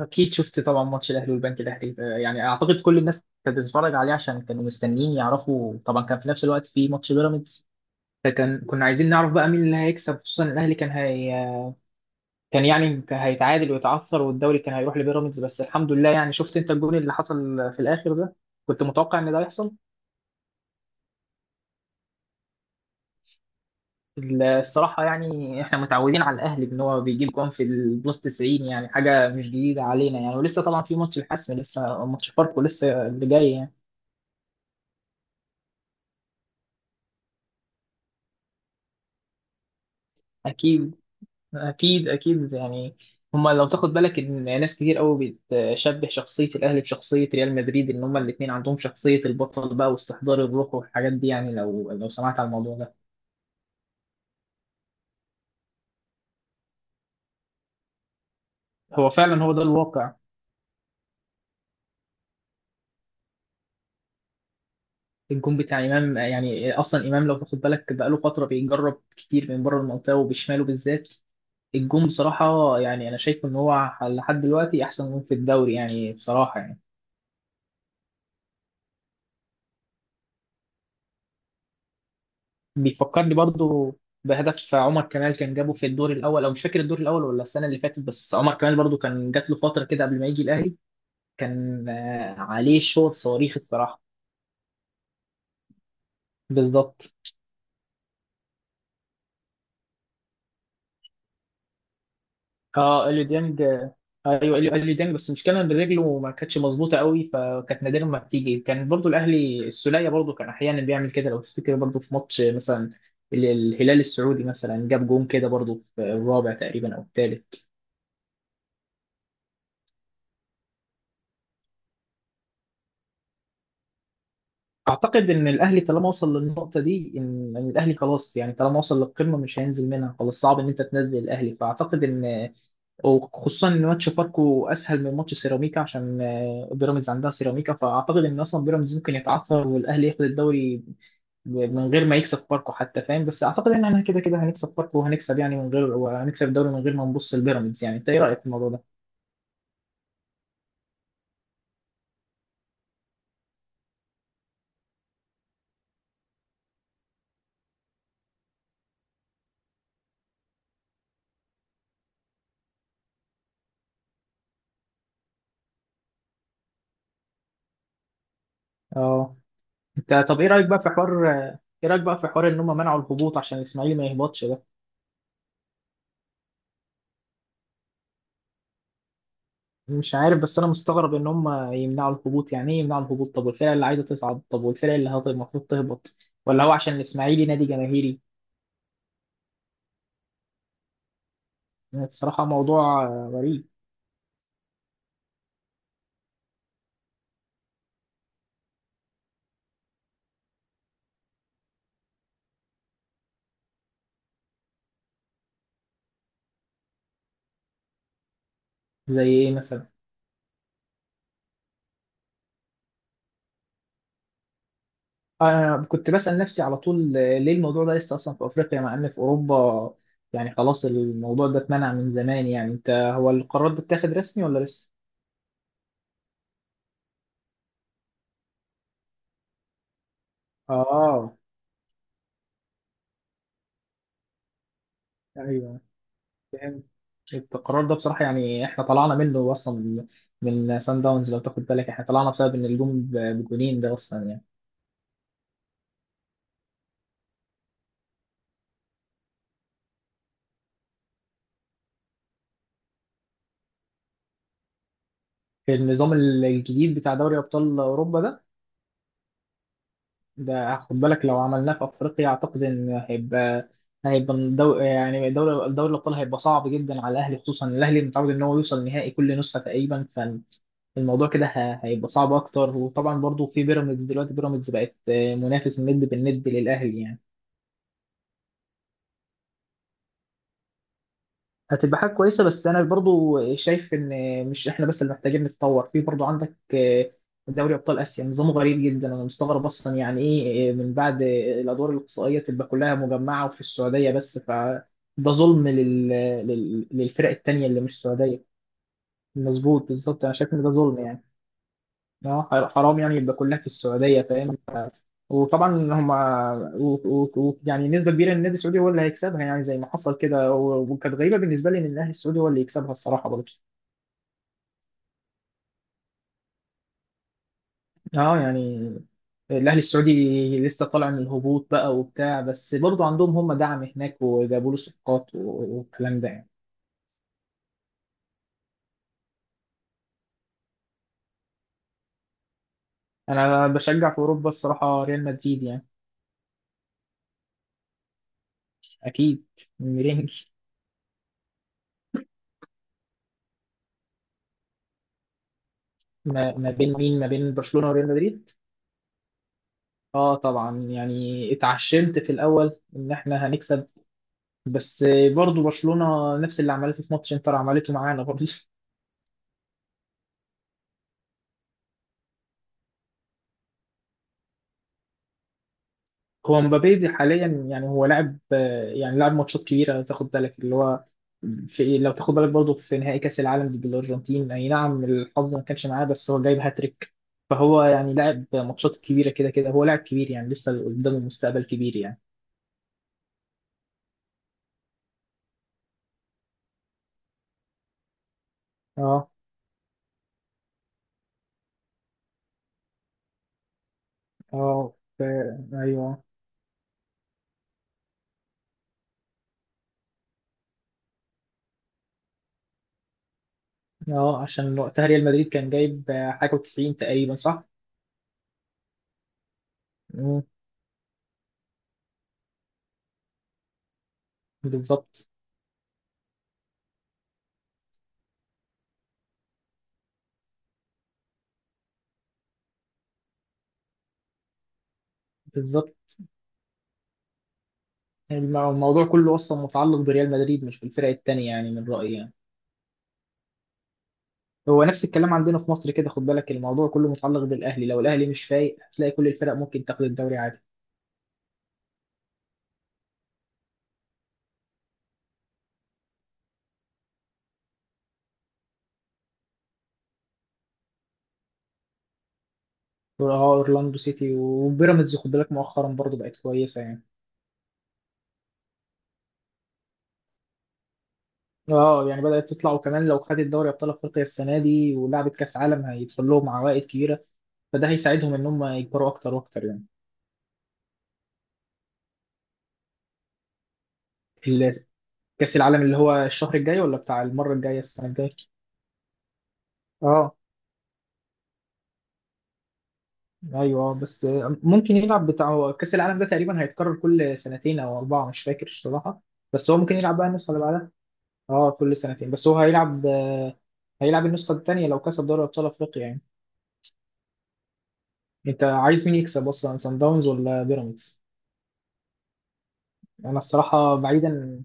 اكيد شفت طبعا ماتش الاهلي والبنك الاهلي يعني اعتقد كل الناس كانت بتتفرج عليه عشان كانوا مستنيين يعرفوا، طبعا كان في نفس الوقت في ماتش بيراميدز، فكان كنا عايزين نعرف بقى مين اللي هيكسب، خصوصا الاهلي كان كان يعني كان هيتعادل ويتعثر والدوري كان هيروح لبيراميدز، بس الحمد لله يعني شفت انت الجون اللي حصل في الاخر ده. كنت متوقع ان ده يحصل. الصراحة يعني احنا متعودين على الاهلي ان هو بيجيب جون في البلس 90، يعني حاجة مش جديدة علينا يعني، ولسه طبعا في ماتش الحسم، لسه ماتش فاركو لسه اللي جاي يعني. أكيد. اكيد يعني، هما لو تاخد بالك ان ناس كتير قوي بتشبه شخصيه الاهلي بشخصيه ريال مدريد، ان هما الاثنين عندهم شخصيه البطل بقى واستحضار الروح والحاجات دي يعني، لو سمعت على الموضوع ده. هو فعلا هو ده الواقع. الجون بتاع امام يعني، اصلا امام لو تاخد بالك بقاله فتره بيجرب كتير من بره المنطقه وبشماله بالذات. الجون بصراحه يعني انا شايف ان هو لحد دلوقتي احسن جون في الدوري يعني، بصراحه يعني. بيفكرني برضو بهدف عمر كمال، كان جابه في الدور الاول، او مش فاكر الدور الاول ولا السنه اللي فاتت، بس عمر كمال برضو كان جات له فتره كده قبل ما يجي الاهلي، كان عليه شوط صواريخ الصراحه. بالظبط. اه اليو ديانج. ايوه اليو ديانج، بس المشكله ان رجله ما كانتش مظبوطه قوي فكانت نادرا ما بتيجي. كان برضو الاهلي السوليه برضو كان احيانا بيعمل كده، لو تفتكر برضو في ماتش مثلا الهلال السعودي مثلا جاب جون كده برضو في الرابع تقريبا او الثالث. اعتقد ان الاهلي طالما وصل للنقطه دي، ان الاهلي خلاص يعني، طالما وصل للقمه مش هينزل منها خلاص، صعب ان انت تنزل الاهلي، فاعتقد ان وخصوصا ان ماتش فاركو اسهل من ماتش سيراميكا، عشان بيراميدز عندها سيراميكا، فاعتقد ان اصلا بيراميدز ممكن يتعثر والاهلي ياخد الدوري من غير ما يكسب فاركو حتى، فاهم؟ بس اعتقد ان احنا كده كده هنكسب فاركو وهنكسب يعني من غير، وهنكسب الدوري من غير ما نبص لبيراميدز يعني. انت ايه رايك في الموضوع ده؟ اه. انت طب ايه رايك بقى في حوار، ايه رايك بقى في حوار ان هم منعوا الهبوط عشان الاسماعيلي ما يهبطش ده؟ مش عارف، بس انا مستغرب ان هم يمنعوا الهبوط. يعني ايه يمنعوا الهبوط؟ طب والفرق اللي عايزه تصعد؟ طب والفرق اللي المفروض تهبط؟ ولا هو عشان الاسماعيلي نادي جماهيري؟ بصراحه موضوع غريب. زي ايه مثلا؟ انا كنت بسال نفسي على طول، ليه الموضوع ده لسه اصلا في افريقيا مع ان في اوروبا، يعني خلاص الموضوع ده اتمنع من زمان يعني. انت هو القرار ده اتاخد رسمي ولا لسه؟ اه. ايوه. القرار ده بصراحة يعني احنا طلعنا منه اصلا من من سان داونز، لو تاخد بالك احنا طلعنا بسبب ان الجون بجونين ده اصلا يعني. في النظام الجديد بتاع دوري ابطال اوروبا ده، ده خد بالك لو عملناه في افريقيا اعتقد ان هيبقى، هيبقى دو يعني دوري دوري الابطال هيبقى صعب جدا على الاهلي، خصوصا الاهلي متعود ان هو يوصل نهائي كل نسخة تقريبا، فالموضوع كده هيبقى صعب اكتر. وطبعا برضو في بيراميدز دلوقتي، بيراميدز بقت منافس الند بالند للاهلي يعني. هتبقى حاجة كويسة، بس أنا برضو شايف إن مش إحنا بس اللي محتاجين نتطور، في برضو عندك دوري أبطال آسيا نظامه غريب جدا. أنا مستغرب أصلا، يعني إيه، من بعد الأدوار الإقصائية تبقى كلها مجمعة وفي السعودية بس؟ فده ظلم للفرق التانية اللي مش سعودية. مظبوط، بالظبط. أنا شايف إن ده ظلم يعني. اه حرام يعني يبقى كلها في السعوديه، فاهم؟ وطبعا هم يعني نسبه كبيره ان النادي السعودي هو اللي هيكسبها، يعني زي ما حصل كده. وكانت غريبه بالنسبه لي ان الاهلي السعودي هو اللي يكسبها الصراحه برضه. اه يعني الاهلي السعودي لسه طالع من الهبوط بقى وبتاع، بس برضه عندهم هم دعم هناك وجابوا له صفقات والكلام ده يعني. انا بشجع في اوروبا الصراحه ريال مدريد يعني. اكيد. مرنج. ما ما بين مين ما بين برشلونه وريال مدريد؟ اه طبعا يعني اتعشمت في الاول ان احنا هنكسب، بس برضو برشلونة نفس اللي عملته في ماتش انتر عملته معانا برضو. هو مبابي دي حاليا يعني هو لاعب، يعني لاعب ماتشات كبيرة لو تاخد بالك، اللي هو في لو تاخد بالك برضو في نهائي كأس العالم ضد الأرجنتين، أي نعم الحظ ما كانش معاه، بس هو جايب هاتريك. فهو يعني لاعب ماتشات كبيرة، كده كده هو لاعب كبير يعني، لسه قدامه مستقبل كبير يعني. اه. اه ايوه. اه عشان وقتها ريال مدريد كان جايب حاجة وتسعين تقريبا، صح؟ مم. بالظبط. بالظبط. الموضوع كله أصلا متعلق بريال مدريد مش بالفرق التانية يعني، من رأيي يعني. هو نفس الكلام عندنا في مصر كده، خد بالك الموضوع كله متعلق بالأهلي، لو الأهلي مش فايق هتلاقي كل الفرق ممكن تاخد الدوري عادي. اه أورلاندو سيتي وبيراميدز خد بالك مؤخرا برضه بقت كويسة يعني. اه يعني بدأت تطلع، وكمان لو خدت دوري أبطال أفريقيا السنة دي ولعبت كأس عالم هيدخل لهم عوائد كبيرة، فده هيساعدهم إن هم يكبروا أكتر وأكتر يعني. ال- كأس العالم اللي هو الشهر الجاي، ولا بتاع المرة الجاية السنة الجاية؟ اه. ايوه بس، ممكن يلعب بتاع، هو كأس العالم ده تقريبا هيتكرر كل سنتين او اربعة مش فاكر الصراحة. بس هو ممكن يلعب بقى النسخة اللي بعدها. اه كل سنتين، بس هو هيلعب، هيلعب النسخة التانية لو كسب دوري ابطال افريقيا يعني. انت عايز مين يكسب اصلا، سان داونز ولا بيراميدز؟ انا الصراحة بعيدا،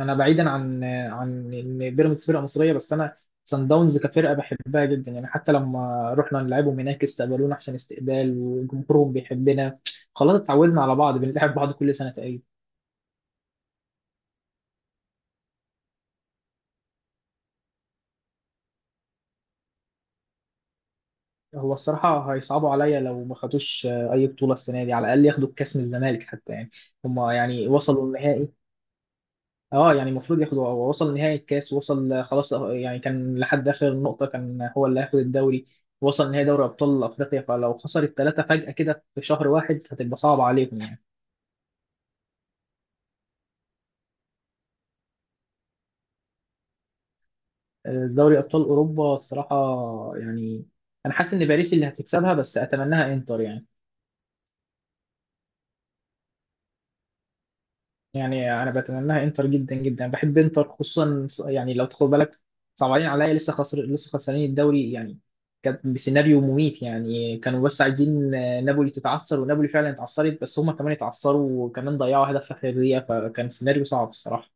انا بعيدا عن عن ان بيراميدز فرقه مصريه، بس انا سان داونز كفرقه بحبها جدا يعني، حتى لما رحنا نلعبهم هناك استقبلونا احسن استقبال وجمهورهم بيحبنا، خلاص اتعودنا على بعض بنلعب بعض كل سنه تقريبا. هو الصراحه هيصعبوا عليا لو ما خدوش اي بطوله السنه دي، على الاقل ياخدوا الكاس من الزمالك حتى يعني، هم يعني وصلوا النهائي. اه يعني المفروض ياخده، هو وصل نهائي الكاس، وصل خلاص يعني، كان لحد اخر نقطه كان هو اللي هياخد الدوري، وصل نهائي دوري ابطال افريقيا، فلو خسر الثلاثه فجاه كده في شهر واحد هتبقى صعبه عليهم يعني. دوري ابطال اوروبا الصراحه يعني، انا حاسس ان باريس اللي هتكسبها، بس اتمناها انتر يعني. يعني انا بتمناها انتر جدا جدا، بحب انتر خصوصا يعني لو تاخد بالك صعبانين عليا، لسه خسر، لسه خسرانين الدوري يعني، كانت بسيناريو مميت يعني، كانوا بس عايزين نابولي تتعثر، ونابولي فعلا اتعثرت، بس هما كمان اتعثروا وكمان ضيعوا هدف في اخر دقيقه، فكان سيناريو صعب الصراحه.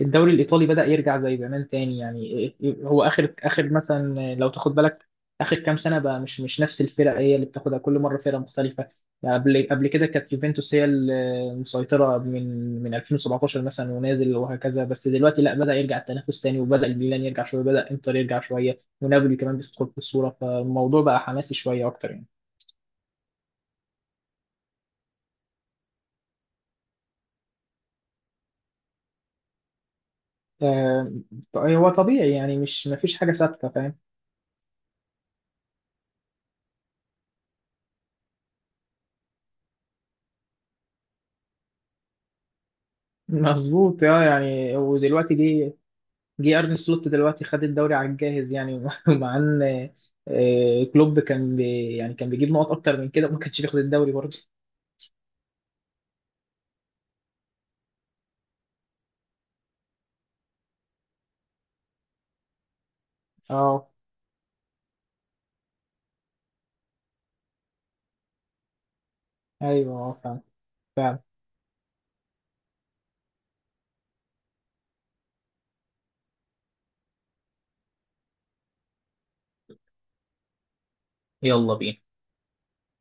الدوري الإيطالي بدأ يرجع زي زمان تاني يعني. هو آخر مثلا لو تاخد بالك آخر كام سنة بقى، مش نفس الفرق هي اللي بتاخدها، كل مرة فرقة مختلفة يعني. قبل كده كانت يوفنتوس هي المسيطرة من من 2017 مثلا ونازل وهكذا، بس دلوقتي لا، بدأ يرجع التنافس تاني، وبدأ الميلان يرجع شوية، بدأ إنتر يرجع شوية، ونابولي كمان بتدخل في الصورة، فالموضوع بقى حماسي شوية أكتر يعني. آه، هو طبيعي يعني، مش مفيش حاجة ثابتة فاهم. مظبوط. اه يعني ودلوقتي جه، جه ارن سلوت دلوقتي خد الدوري على الجاهز يعني. مع ان، كلوب كان بي يعني كان بيجيب نقط اكتر من كده وما كانش بياخد الدوري برضه. اه. ايوه. اه فعلا. فعلا. يلا بينا.